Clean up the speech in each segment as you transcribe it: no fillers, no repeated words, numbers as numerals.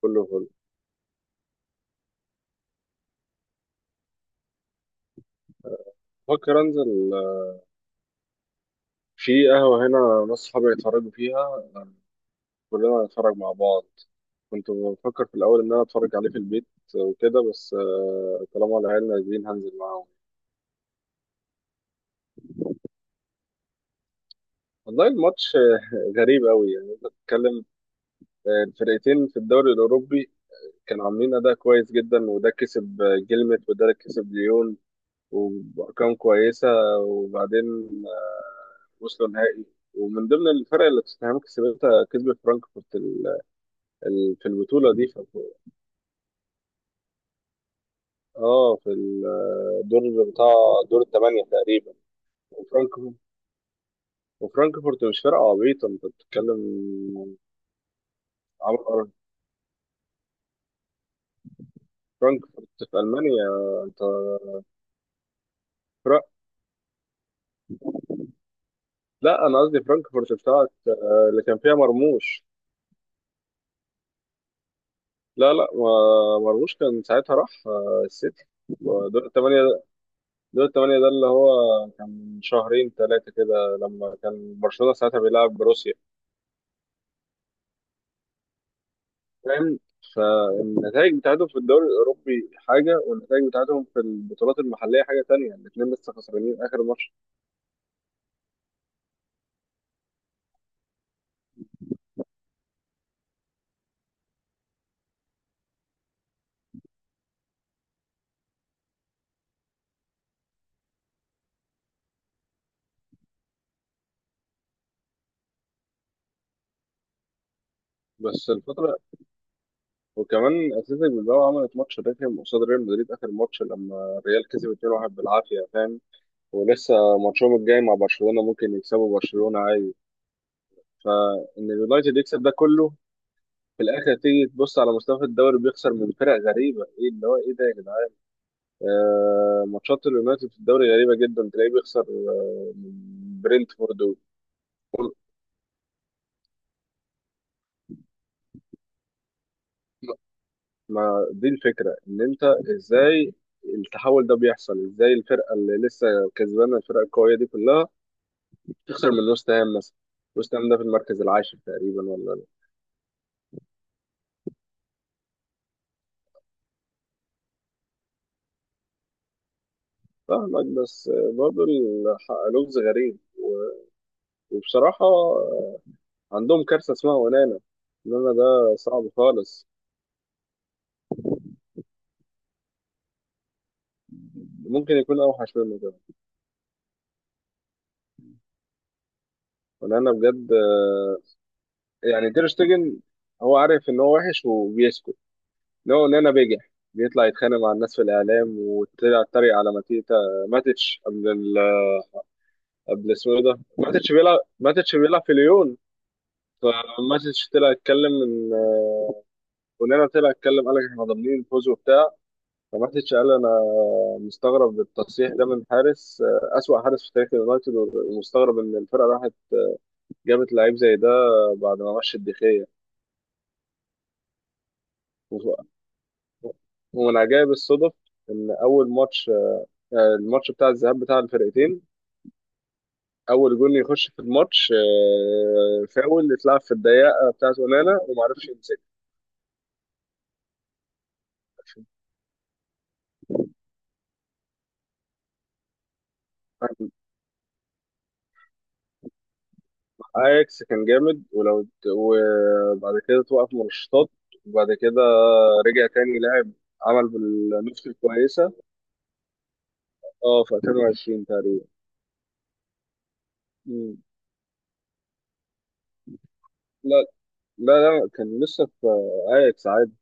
كله فل. فكر انزل في قهوة هنا ناس صحابي هيتفرجوا فيها، كلنا هنتفرج مع بعض. كنت بفكر في الأول إن أنا أتفرج عليه في البيت وكده، بس طالما العيال نازلين هنزل معاهم. والله الماتش غريب أوي، يعني أنت بتتكلم. الفرقتين في الدوري الأوروبي كانوا عاملين أداء كويس جدا، وده كسب جيلمت، وده كسب ليون. وبأرقام كويسة. وبعدين وصلوا نهائي. ومن ضمن الفرق اللي توتنهام كسبتها، كسبت فرانكفورت في البطولة دي، في اه في الدور بتاع، دور الثمانية تقريبا. وفرانكفورت وفرانكفورت مش فرقة عبيطة، انت بتتكلم عن فرانكفورت في ألمانيا. انت فرق. لا، انا قصدي فرانكفورت بتاعت اللي كان فيها مرموش. لا لا، مرموش كان ساعتها راح السيتي. ودور الثمانية، دور الثمانية ده اللي هو كان من شهرين ثلاثة كده لما كان برشلونة ساعتها بيلعب بروسيا. فاهم؟ النتائج بتاعتهم في الدوري الأوروبي حاجة، والنتائج بتاعتهم في البطولات المحلية حاجة تانية. الاتنين لسه خسرانين آخر ماتش. بس الفترة، وكمان أتلتيك بالباو عملت ماتش رخم قصاد ريال مدريد آخر ماتش، لما الريال كسب 2-1 بالعافية. فاهم؟ ولسه ماتشهم الجاي مع برشلونة، ممكن يكسبوا برشلونة عادي. فإن اليونايتد يكسب ده كله، في الآخر تيجي تبص على مستوى الدوري، بيخسر من فرق غريبة. إيه اللي هو إيه ده يا جدعان؟ ماتشات اليونايتد في الدوري غريبة جدا، تلاقيه بيخسر من برينتفورد. ما دي الفكرة، إن أنت إزاي التحول ده بيحصل، إزاي الفرقة اللي لسه كسبانة، الفرقة القوية دي كلها، تخسر من وست هام مثلا. وست هام ده في المركز العاشر تقريبا، ولا لا؟ فاهمك، بس برضه لغز غريب وبصراحة عندهم كارثة اسمها ونانا. ونانا ده صعب خالص. ممكن يكون أوحش منه كمان. ونانا بجد، يعني تير شتيجن هو عارف إن هو وحش وبيسكت. اللي هو، لنا بيجح بيطلع يتخانق مع الناس في الاعلام، وطلع اتريق على ماتيتا. ماتيتش قبل اسمه إيه ده، ماتيتش بيلعب، ماتيتش بيلعب في ليون. فماتيتش طلع يتكلم ان ونانا طلع يتكلم، قال لك احنا ضامنين الفوز وبتاع. فماتيتش قال انا مستغرب التصريح ده من حارس، اسوأ حارس في تاريخ اليونايتد، ومستغرب ان الفرقه راحت جابت لعيب زي ده بعد ما مشي الدخيه. ومن عجائب الصدف ان اول ماتش، الماتش بتاع الذهاب بتاع الفرقتين، اول جول يخش في الماتش فاول اتلعب في الضيقه بتاعت ونانا، وما عرفش يمسكها. اياكس كان جامد، ولو وبعد كده توقف منشطات. وبعد كده رجع تاني لاعب، عمل بالنص الكويسه. اه في 2020 تقريبا. مم. لا لا لا، كان لسه في اياكس عادي.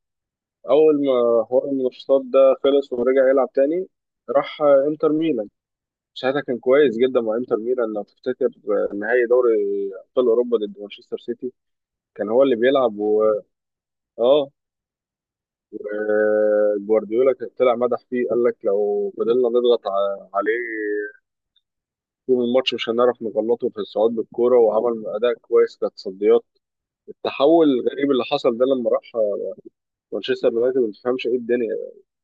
اول ما حوار المنشطات ده خلص ورجع يلعب تاني، راح انتر ميلان. ساعتها كان كويس جدا مع انتر ميلان، لو تفتكر نهائي دوري ابطال اوروبا ضد مانشستر سيتي. كان هو اللي بيلعب و اه آه، جوارديولا كان طلع مدح فيه، قال لك لو فضلنا نضغط عليه طول الماتش مش هنعرف نغلطه في الصعود بالكوره، وعمل اداء كويس كتصديات. التحول الغريب اللي حصل ده لما راح مانشستر يونايتد، ما تفهمش ايه الدنيا.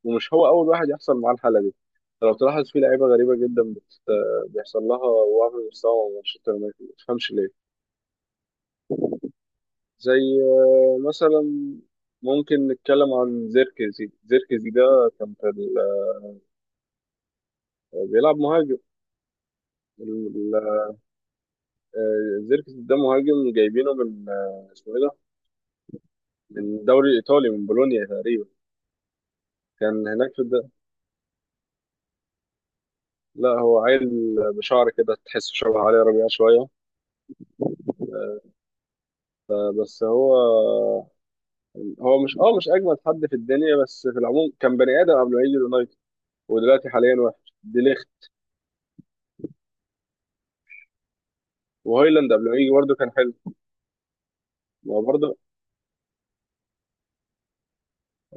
ومش هو اول واحد يحصل معاه الحاله دي. لو تلاحظ في لعيبه غريبه جدا بيحصل لها وهم مستوى مع مانشستر يونايتد، ما تفهمش ليه. زي مثلا ممكن نتكلم عن زيركزي. زيركزي ده كان في بيلعب مهاجم. ال- زيركزي ده مهاجم جايبينه من اسمه ايه ده، من الدوري الايطالي من بولونيا تقريبا. كان هناك لا هو عيل بشعر كده، تحسه شبه علي ربيع شويه. بس هو مش اجمد حد في الدنيا، بس في العموم كان بني ادم قبل ما يجي اليونايتد. ودلوقتي حاليا وحش دي ليخت. وهويلاند قبل ما يجي برده كان حلو. وبرضه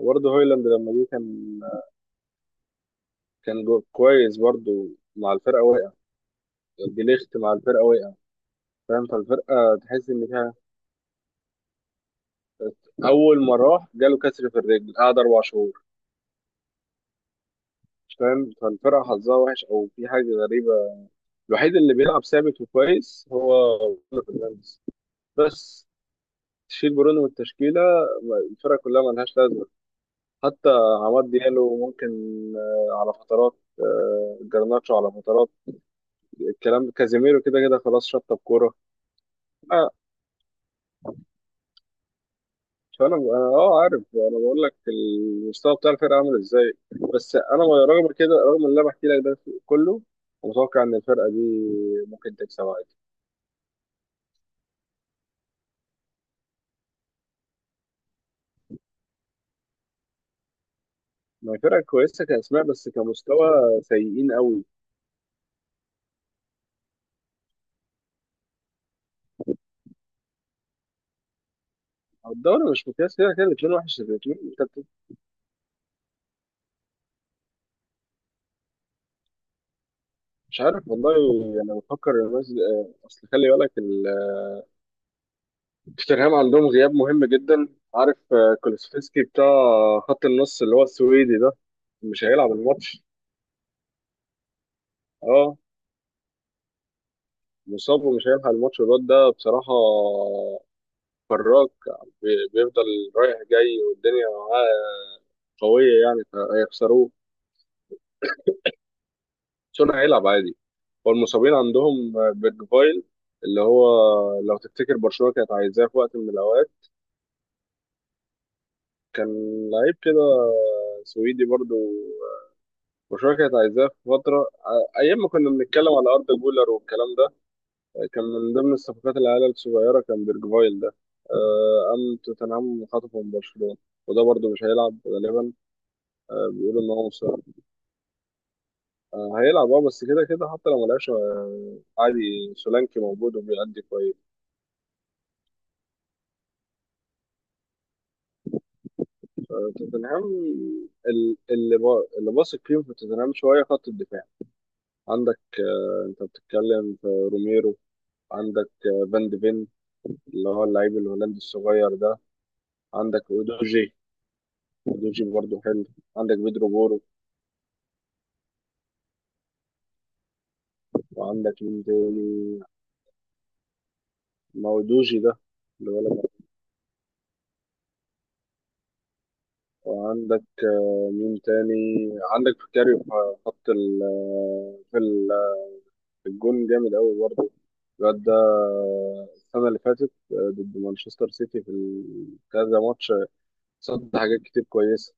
برضه هويلاند لما جه كان جو كويس برضه مع الفرقة، وقع. جليخت مع الفرقة وقع، فاهم؟ فالفرقة تحس إن فيها، أول ما راح جاله كسر في الرجل قعد 4 شهور. مش فاهم، فالفرقة حظها وحش أو في حاجة غريبة. الوحيد اللي بيلعب ثابت وكويس هو برونو فرنانديز، بس. تشيل برونو من التشكيلة، الفرقة كلها ملهاش لازمة. حتى عماد ديالو ممكن على فترات، جرناتشو على فترات، الكلام. كازيميرو كده كده خلاص شطب كورة. آه، فانا انا اه عارف انا بقول لك المستوى بتاع الفرقه عامل ازاي، بس انا رغم كده، رغم اللي انا بحكي لك ده كله، متوقع ان الفرقه دي ممكن تكسب عادي. ما هي فرقه كويسه كاسماء، بس كمستوى سيئين قوي. الدوري مش مقياس، كده كده الاثنين وحش، الاثنين. مش عارف والله. انا بفكر الناس، اصل خلي بالك توتنهام عندهم غياب مهم جدا، عارف؟ كولوسفسكي بتاع خط النص، اللي هو السويدي ده، مش هيلعب الماتش. اه مصاب ومش هيلحق الماتش الواد ده بصراحة. فراك بيفضل رايح جاي، والدنيا معاه قوية يعني، فهيخسروه. سون هيلعب عادي. والمصابين عندهم بيرجفايل، اللي هو لو تفتكر برشلونة كانت عايزاه في وقت من الأوقات. كان لعيب كده سويدي برضو، برشلونة كانت عايزاه في فترة، أيام ما كنا بنتكلم على أردا جولر والكلام ده. كان من ضمن الصفقات العيال الصغيرة، كان بيرجفايل ده. قام توتنهام خطفه من برشلونة. وده برضه مش هيلعب غالبا، بيقولوا إن هو مصاب. هيلعب اه، بس كده كده حتى لو ملعبش عادي، سولانكي موجود وبيأدي كويس. توتنهام، اللي باثق فيهم في توتنهام شوية خط الدفاع. عندك أنت بتتكلم في روميرو. عندك فان ديفين، اللي هو اللعيب الهولندي الصغير ده. عندك اودوجي، اودوجي برضه حلو. عندك بيدرو بورو. وعندك مين تاني؟ مودوجي ده اللي بالك. وعندك مين تاني؟ عندك فكاري في خط ال آه، في ال- في الجون جامد قوي برضه. الواد ده السنة اللي فاتت ضد مانشستر سيتي في كذا ماتش، صد حاجات كتير كويسة.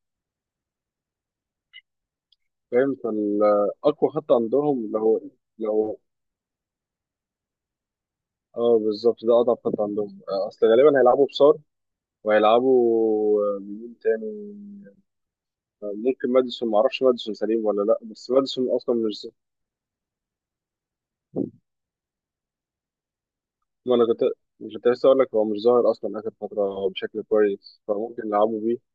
فاهم، فالأقوى خط عندهم اللي هو، اللي هو اه بالظبط ده أضعف خط عندهم، أصل غالبا هيلعبوا بصار. وهيلعبوا مين تاني؟ ممكن ماديسون، ما اعرفش ماديسون سليم ولا لا، بس ماديسون اصلا مش. ما انا كنت مش كنت لسه اقول لك هو مش ظاهر اصلا اخر فتره بشكل كويس، فممكن نلعبوا بيه.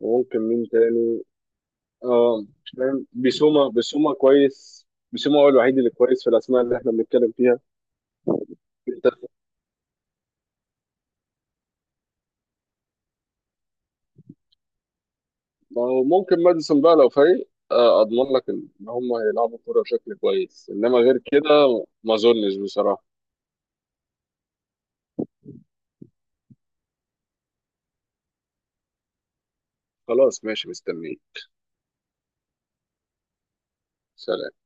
وممكن مين تاني؟ اه مش فاهم، بيسوما كويس، بيسوما هو الوحيد اللي كويس في الاسماء اللي احنا بنتكلم فيها. انت، ما هو ممكن ماديسون بقى لو فايق، اضمن لك ان هم هيلعبوا كوره بشكل كويس، انما غير كده ما اظنش بصراحه. خلاص ماشي، مستنيين. سلام.